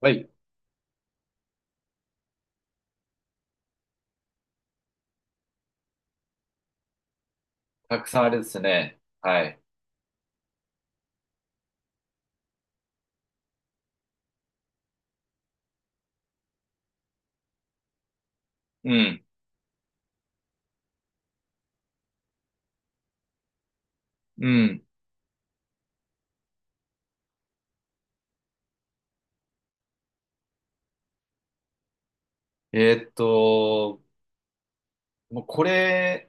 はい。たくさんあれですね。はい。うん。うん。えーっと、もうこれ、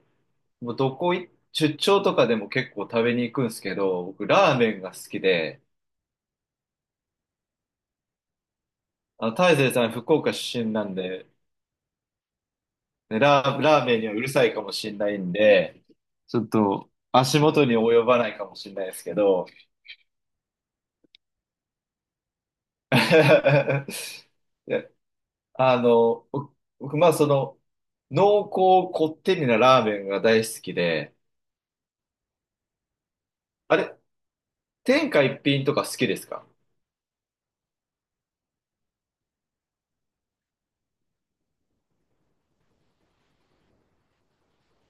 もうどこい、出張とかでも結構食べに行くんですけど、僕ラーメンが好きで、大勢さん福岡出身なんで、ラーメンにはうるさいかもしれないんで、ちょっと足元に及ばないかもしれないですけど、いや、僕まあ濃厚こってりなラーメンが大好きで、あれ、天下一品とか好きですか？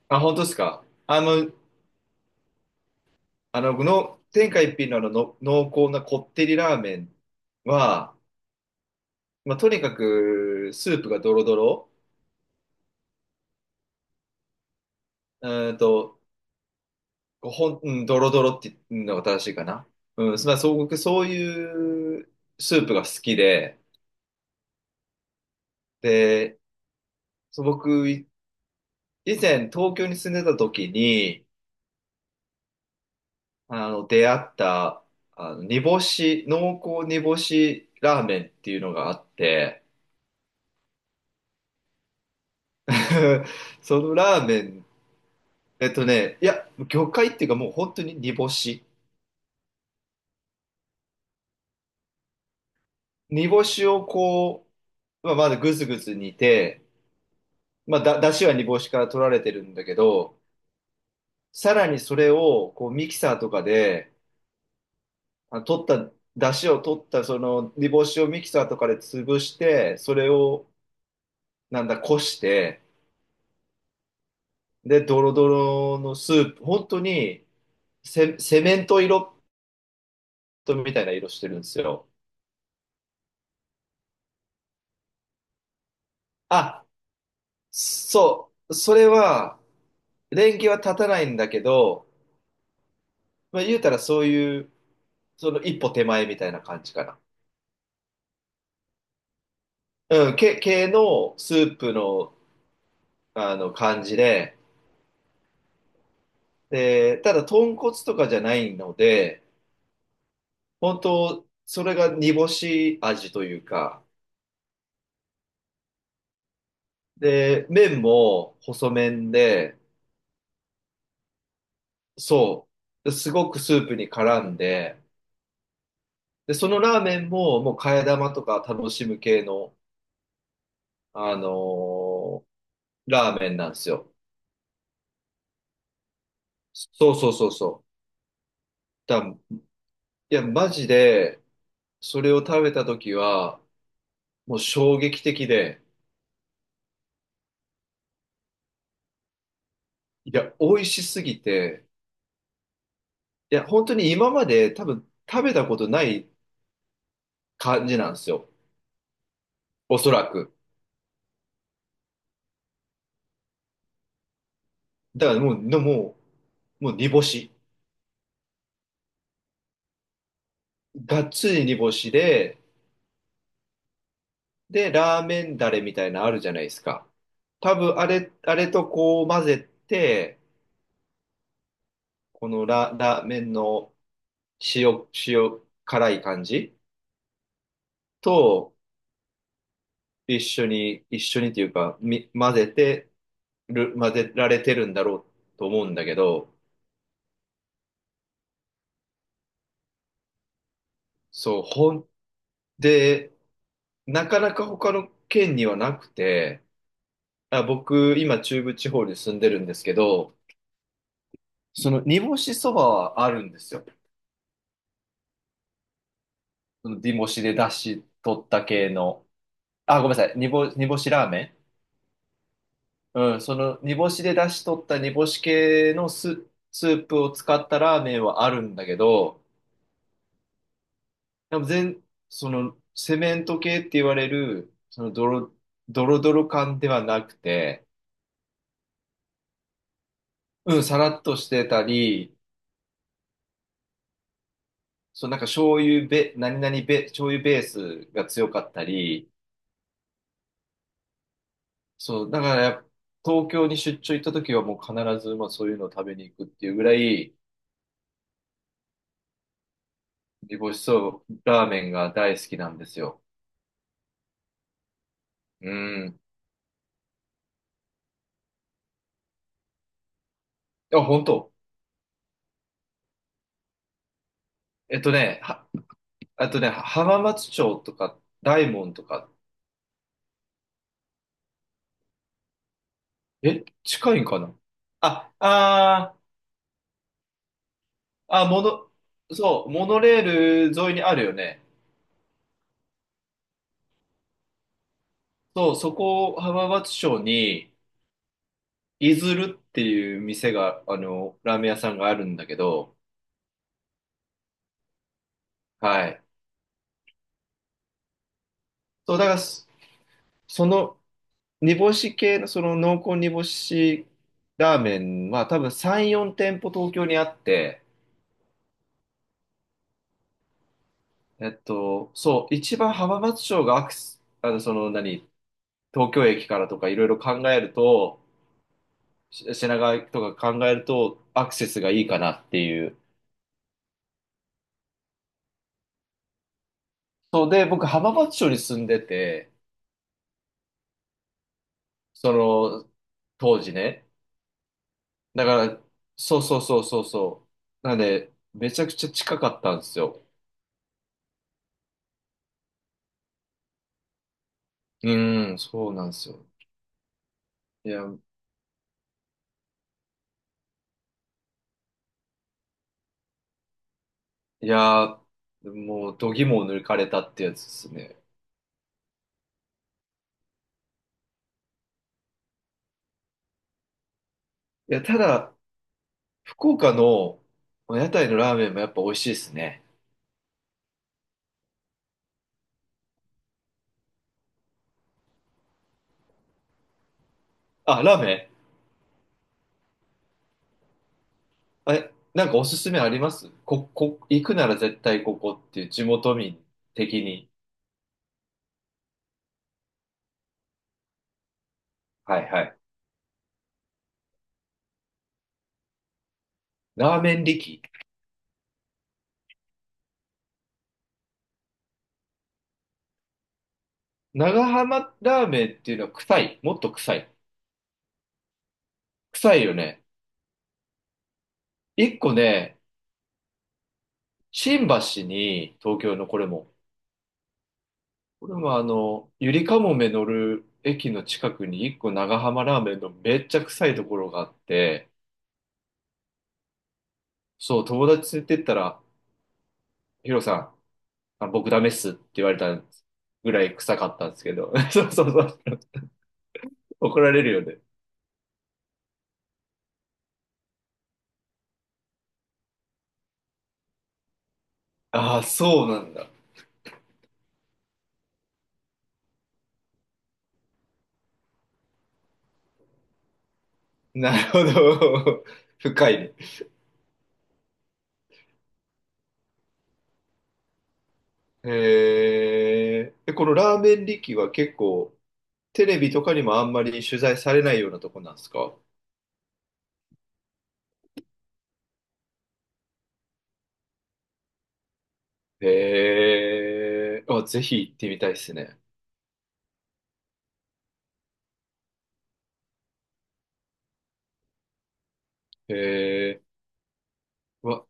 あ、本当ですか？天下一品の濃厚なこってりラーメンは、まあ、とにかくスープがドロドロ、うーんと、こうほん、うん、ドロドロっていうのが正しいかな。うん、まあ、そう、僕そういうスープが好きで、で、そう僕、以前東京に住んでた時に、出会った、あの、煮干し、濃厚煮干しラーメンっていうのがあって、そのラーメン、いや、魚介っていうかもう本当に煮干し。煮干しをこう、まあ、まだぐずぐず煮て、まあ、だしは煮干しから取られてるんだけど、さらにそれをこうミキサーとかで、あ、取った、だしを取ったその煮干しをミキサーとかで潰して、それをなんだ、こして、で、ドロドロのスープ、本当にセメント色みたいな色してるんですよ。あ、そう、それは、連携は立たないんだけど、まあ、言うたらそういう、その一歩手前みたいな感じかな。うん、系のスープの、あの感じで、で、ただ豚骨とかじゃないので、本当それが煮干し味というか、で、麺も細麺で、そう、すごくスープに絡んで、で、そのラーメンももう替え玉とか楽しむ系の、あのーラーメンなんですよ。そうそうそうそう。だ、いや、マジで、それを食べた時は、もう衝撃的で、いや、美味しすぎて、いや、本当に今まで多分食べたことない感じなんですよ。おそらく。だからもう、もう煮干し。がっつり煮干しで、で、ラーメンダレみたいなのあるじゃないですか。多分あれとこう混ぜて、このラーメンの塩辛い感じと一緒に、一緒にというか、混ぜてる、混ぜられてるんだろうと思うんだけど、そう、ほんで、なかなか他の県にはなくて、あ、僕、今中部地方に住んでるんですけど、その煮干しそばはあるんですよ。その煮干しで出汁取った系の。あ、ごめんなさい。煮干しラーメン。うん、その煮干しで出汁取った煮干し系のスープを使ったラーメンはあるんだけど、でもその、セメント系って言われる、その、ドロドロ感ではなくて、うん、さらっとしてたり、そう、なんか醤油べ、何々べ、醤油ベースが強かったり、そう、だからやっぱ、東京に出張行った時はもう必ず、まあそういうのを食べに行くっていうぐらい、煮干しそばラーメンが大好きなんですよ。うん。あ、本当。えっとね、は、あとね、浜松町とか、大門とか、え、近いんかな？あ、あ、そう、モノレール沿いにあるよね。そう、そこ、浜松町に、いずるっていう店が、ラーメン屋さんがあるんだけど、はい。そう、だから、その、煮干し系の、その濃厚煮干しラーメンは多分3、4店舗東京にあって、そう、一番浜松町がアクセス、東京駅からとかいろいろ考えると、品川とか考えるとアクセスがいいかなっていう。そうで、僕浜松町に住んでて、その当時ね。だから、そうそうそうそうそう。なんで、めちゃくちゃ近かったんですよ。うん、そうなんですよ。いや、いやー、もう度肝を抜かれたってやつですね。いや、ただ、福岡の屋台のラーメンもやっぱ美味しいですね。あ、ラーメン、え、なんかおすすめあります？行くなら絶対ここっていう地元民的に。はいはい。ラーメン力。長浜ラーメンっていうのは臭い。もっと臭い。臭いよね。一個ね、新橋に、東京のこれも。これもゆりかもめ乗る駅の近くに一個長浜ラーメンのめっちゃ臭いところがあって、そう、友達連れてったら、ヒロさん、あ僕ダメっすって言われたぐらい臭かったんですけど。そうそうそう。怒られるよね。ああ、そうなんだ。なるほど。深いね。へーえ。え、このラーメン力は結構、テレビとかにもあんまり取材されないようなとこなんですか？へえ。あ、ぜひ行ってみたいですね。へえ。うわ、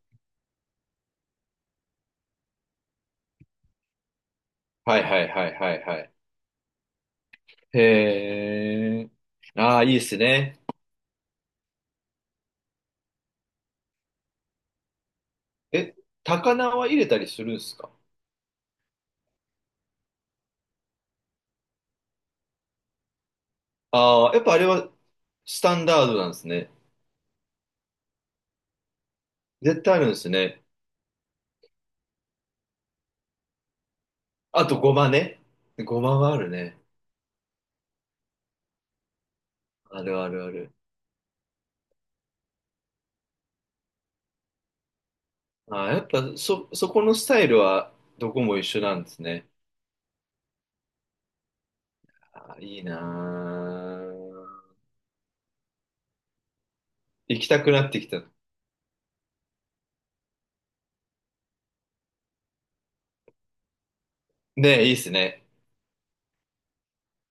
はいはいはいはいはい。へえ。ああ、いいですね。え、高菜は入れたりするんですか？ああー、やっぱあれはスタンダードなんですね。絶対あるんですね。あとごまね。ごまはあるね。あるあるある。あー、やっぱそこのスタイルはどこも一緒なんですね。あ、いいなー、行きたくなってきた。ねえ、いいっすね。